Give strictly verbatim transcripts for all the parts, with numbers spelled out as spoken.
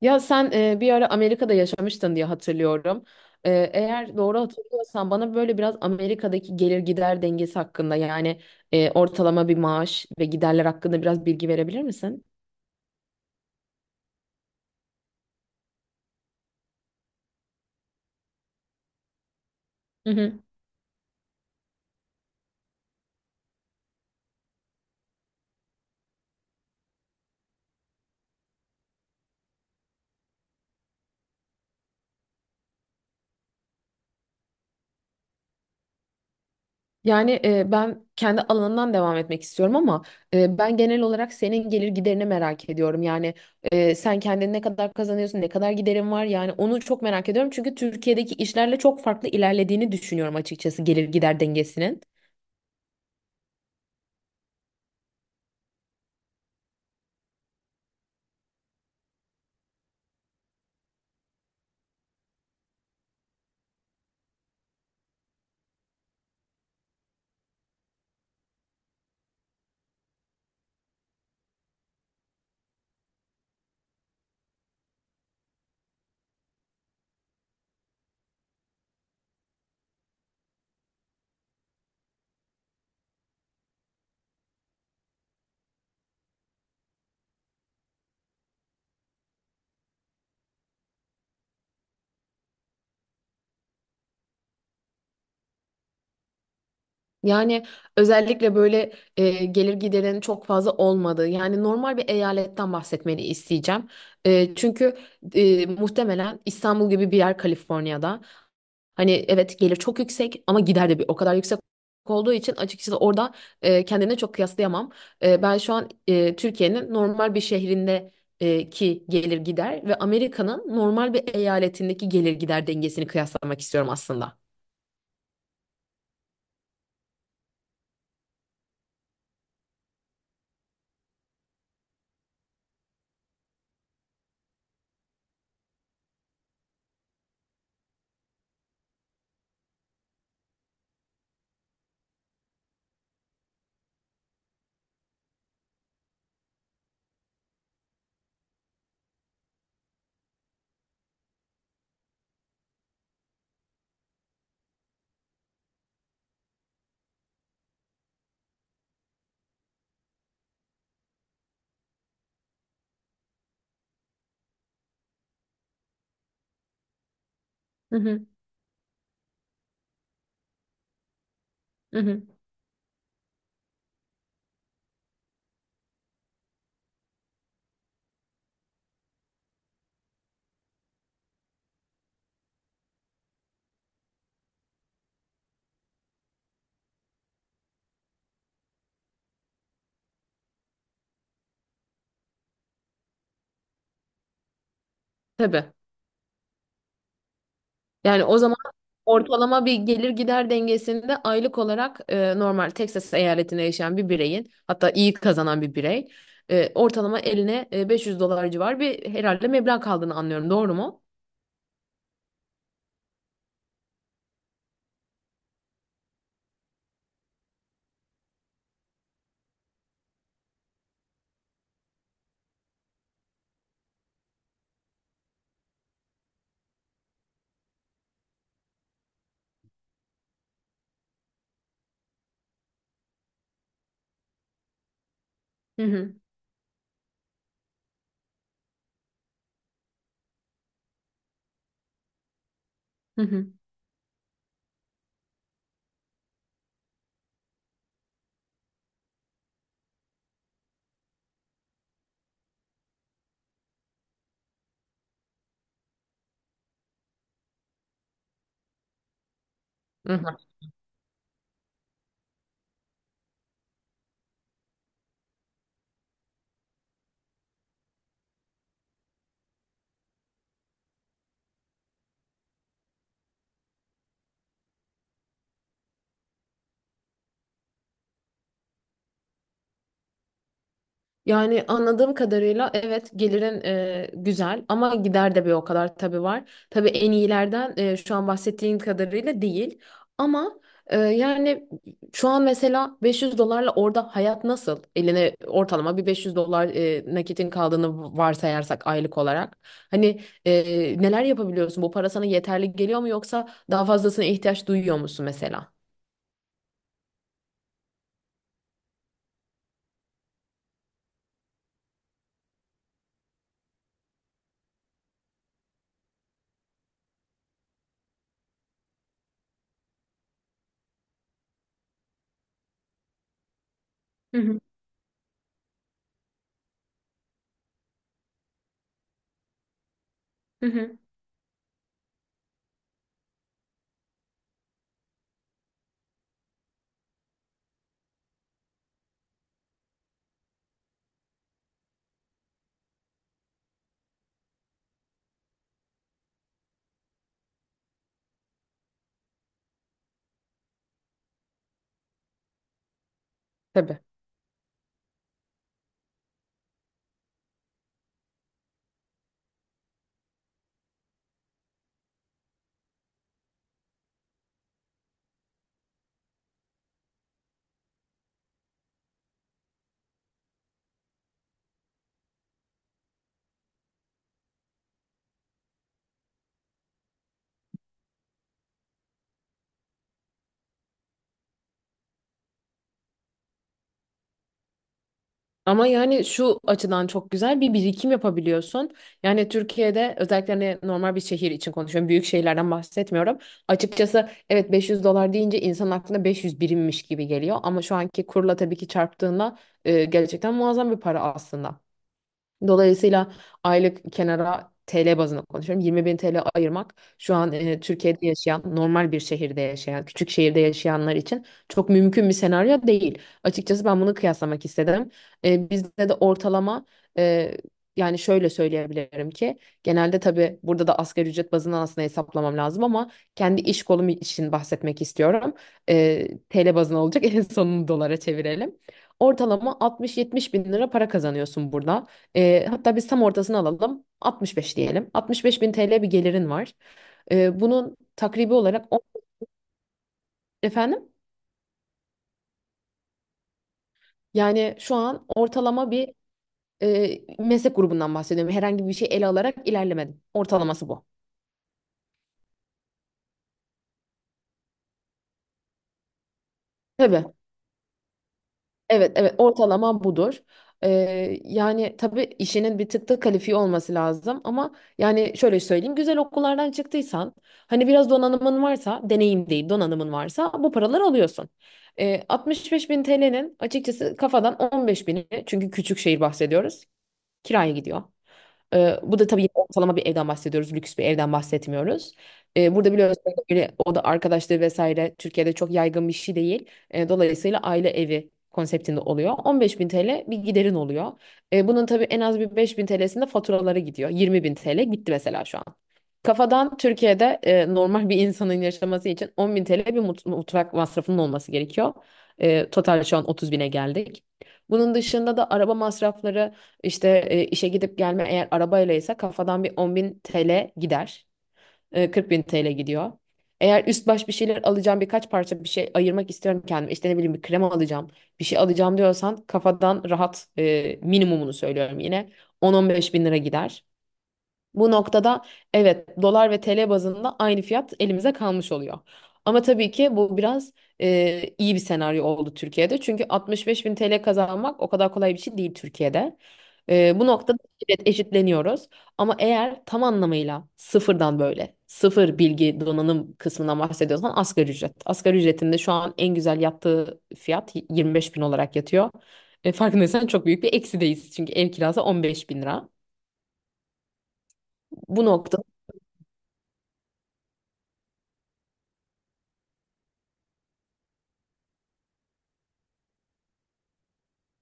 Ya sen e, bir ara Amerika'da yaşamıştın diye hatırlıyorum. E, eğer doğru hatırlıyorsan bana böyle biraz Amerika'daki gelir gider dengesi hakkında yani e, ortalama bir maaş ve giderler hakkında biraz bilgi verebilir misin? Hı hı. Yani e, ben kendi alanından devam etmek istiyorum ama e, ben genel olarak senin gelir giderini merak ediyorum. Yani e, sen kendin ne kadar kazanıyorsun, ne kadar giderin var yani onu çok merak ediyorum. Çünkü Türkiye'deki işlerle çok farklı ilerlediğini düşünüyorum açıkçası gelir gider dengesinin. Yani özellikle böyle e, gelir giderin çok fazla olmadığı yani normal bir eyaletten bahsetmeni isteyeceğim. E, çünkü e, muhtemelen İstanbul gibi bir yer Kaliforniya'da. Hani evet gelir çok yüksek ama gider de bir o kadar yüksek olduğu için açıkçası orada e, kendine çok kıyaslayamam. E, ben şu an e, Türkiye'nin normal bir şehrinde e, ki gelir gider ve Amerika'nın normal bir eyaletindeki gelir gider dengesini kıyaslamak istiyorum aslında. Hı hı, hı hı. Tabii. Yani o zaman ortalama bir gelir gider dengesinde aylık olarak e, normal Texas eyaletinde yaşayan bir bireyin hatta iyi kazanan bir birey e, ortalama eline e, beş yüz dolar civar bir herhalde meblağ kaldığını anlıyorum. Doğru mu? Hı hı. Hı hı. Hı. Yani anladığım kadarıyla evet gelirin e, güzel ama gider de bir o kadar tabii var. Tabii en iyilerden e, şu an bahsettiğin kadarıyla değil. Ama e, yani şu an mesela beş yüz dolarla orada hayat nasıl? Eline ortalama bir beş yüz dolar e, nakitin kaldığını varsayarsak aylık olarak. Hani ee, neler yapabiliyorsun? Bu para sana yeterli geliyor mu yoksa daha fazlasına ihtiyaç duyuyor musun mesela? Hı hı, hı hı. Tabii. Ama yani şu açıdan çok güzel bir birikim yapabiliyorsun. Yani Türkiye'de özellikle hani normal bir şehir için konuşuyorum. Büyük şehirlerden bahsetmiyorum. Açıkçası evet beş yüz dolar deyince insan aklına beş yüz birimmiş gibi geliyor. Ama şu anki kurla tabii ki çarptığında e, gerçekten muazzam bir para aslında. Dolayısıyla aylık kenara T L bazında konuşuyorum. yirmi bin T L ayırmak şu an e, Türkiye'de yaşayan, normal bir şehirde yaşayan, küçük şehirde yaşayanlar için çok mümkün bir senaryo değil. Açıkçası ben bunu kıyaslamak istedim. E, bizde de ortalama e, yani şöyle söyleyebilirim ki genelde tabii burada da asgari ücret bazından aslında hesaplamam lazım ama kendi iş kolum için bahsetmek istiyorum. E, T L bazına olacak en sonunu dolara çevirelim. Ortalama altmış yetmiş bin lira para kazanıyorsun burada. Ee, hatta biz tam ortasını alalım. altmış beş diyelim. altmış beş bin T L bir gelirin var. Ee, bunun takribi olarak on- efendim, yani şu an ortalama bir e, meslek grubundan bahsediyorum. Herhangi bir şey ele alarak ilerlemedim. Ortalaması bu. Tabii. Evet, evet ortalama budur. Ee, yani tabii işinin bir tık da kalifiye olması lazım ama yani şöyle söyleyeyim güzel okullardan çıktıysan hani biraz donanımın varsa, deneyim değil donanımın varsa bu paraları alıyorsun. Ee, altmış beş bin T L'nin açıkçası kafadan on beş bini, çünkü küçük şehir bahsediyoruz, kiraya gidiyor. Ee, bu da tabii ortalama bir evden bahsediyoruz. Lüks bir evden bahsetmiyoruz. Ee, burada biliyorsunuz böyle oda arkadaşları vesaire Türkiye'de çok yaygın bir şey değil. Ee, dolayısıyla aile evi konseptinde oluyor. on beş bin T L bir giderin oluyor. Ee, bunun tabii en az bir beş bin T L'sinde faturalara gidiyor. yirmi bin T L gitti mesela şu an. Kafadan Türkiye'de e, normal bir insanın yaşaması için on bin T L bir mut- mutfak masrafının olması gerekiyor. E, total şu an otuz bine geldik. Bunun dışında da araba masrafları işte e, işe gidip gelme eğer arabayla ise kafadan bir on bin T L gider. E, kırk bin T L gidiyor. Eğer üst baş bir şeyler alacağım, birkaç parça bir şey ayırmak istiyorum kendime. İşte ne bileyim bir krem alacağım, bir şey alacağım diyorsan kafadan rahat, e, minimumunu söylüyorum yine, on on beş bin lira gider. Bu noktada evet dolar ve T L bazında aynı fiyat elimize kalmış oluyor. Ama tabii ki bu biraz e, iyi bir senaryo oldu Türkiye'de. Çünkü altmış beş bin T L kazanmak o kadar kolay bir şey değil Türkiye'de. E, bu noktada evet eşitleniyoruz. Ama eğer tam anlamıyla sıfırdan böyle sıfır bilgi donanım kısmından bahsediyorsan asgari ücret. Asgari ücretinde şu an en güzel yattığı fiyat yirmi beş bin olarak yatıyor. E, farkındaysan çok büyük bir eksideyiz. Çünkü ev kirası on beş bin lira. Bu nokta.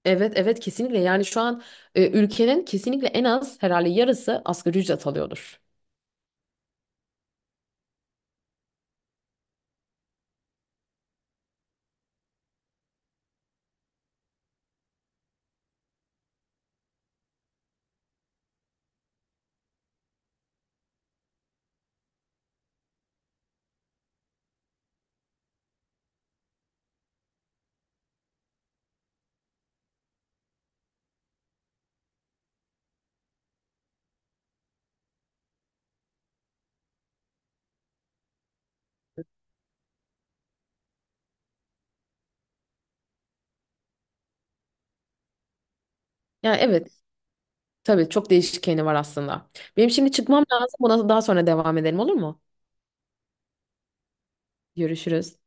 Evet evet kesinlikle, yani şu an e, ülkenin kesinlikle en az herhalde yarısı asgari ücret alıyordur. Yani evet, tabii çok değişkeni var aslında. Benim şimdi çıkmam lazım, buna daha sonra devam edelim olur mu? Görüşürüz.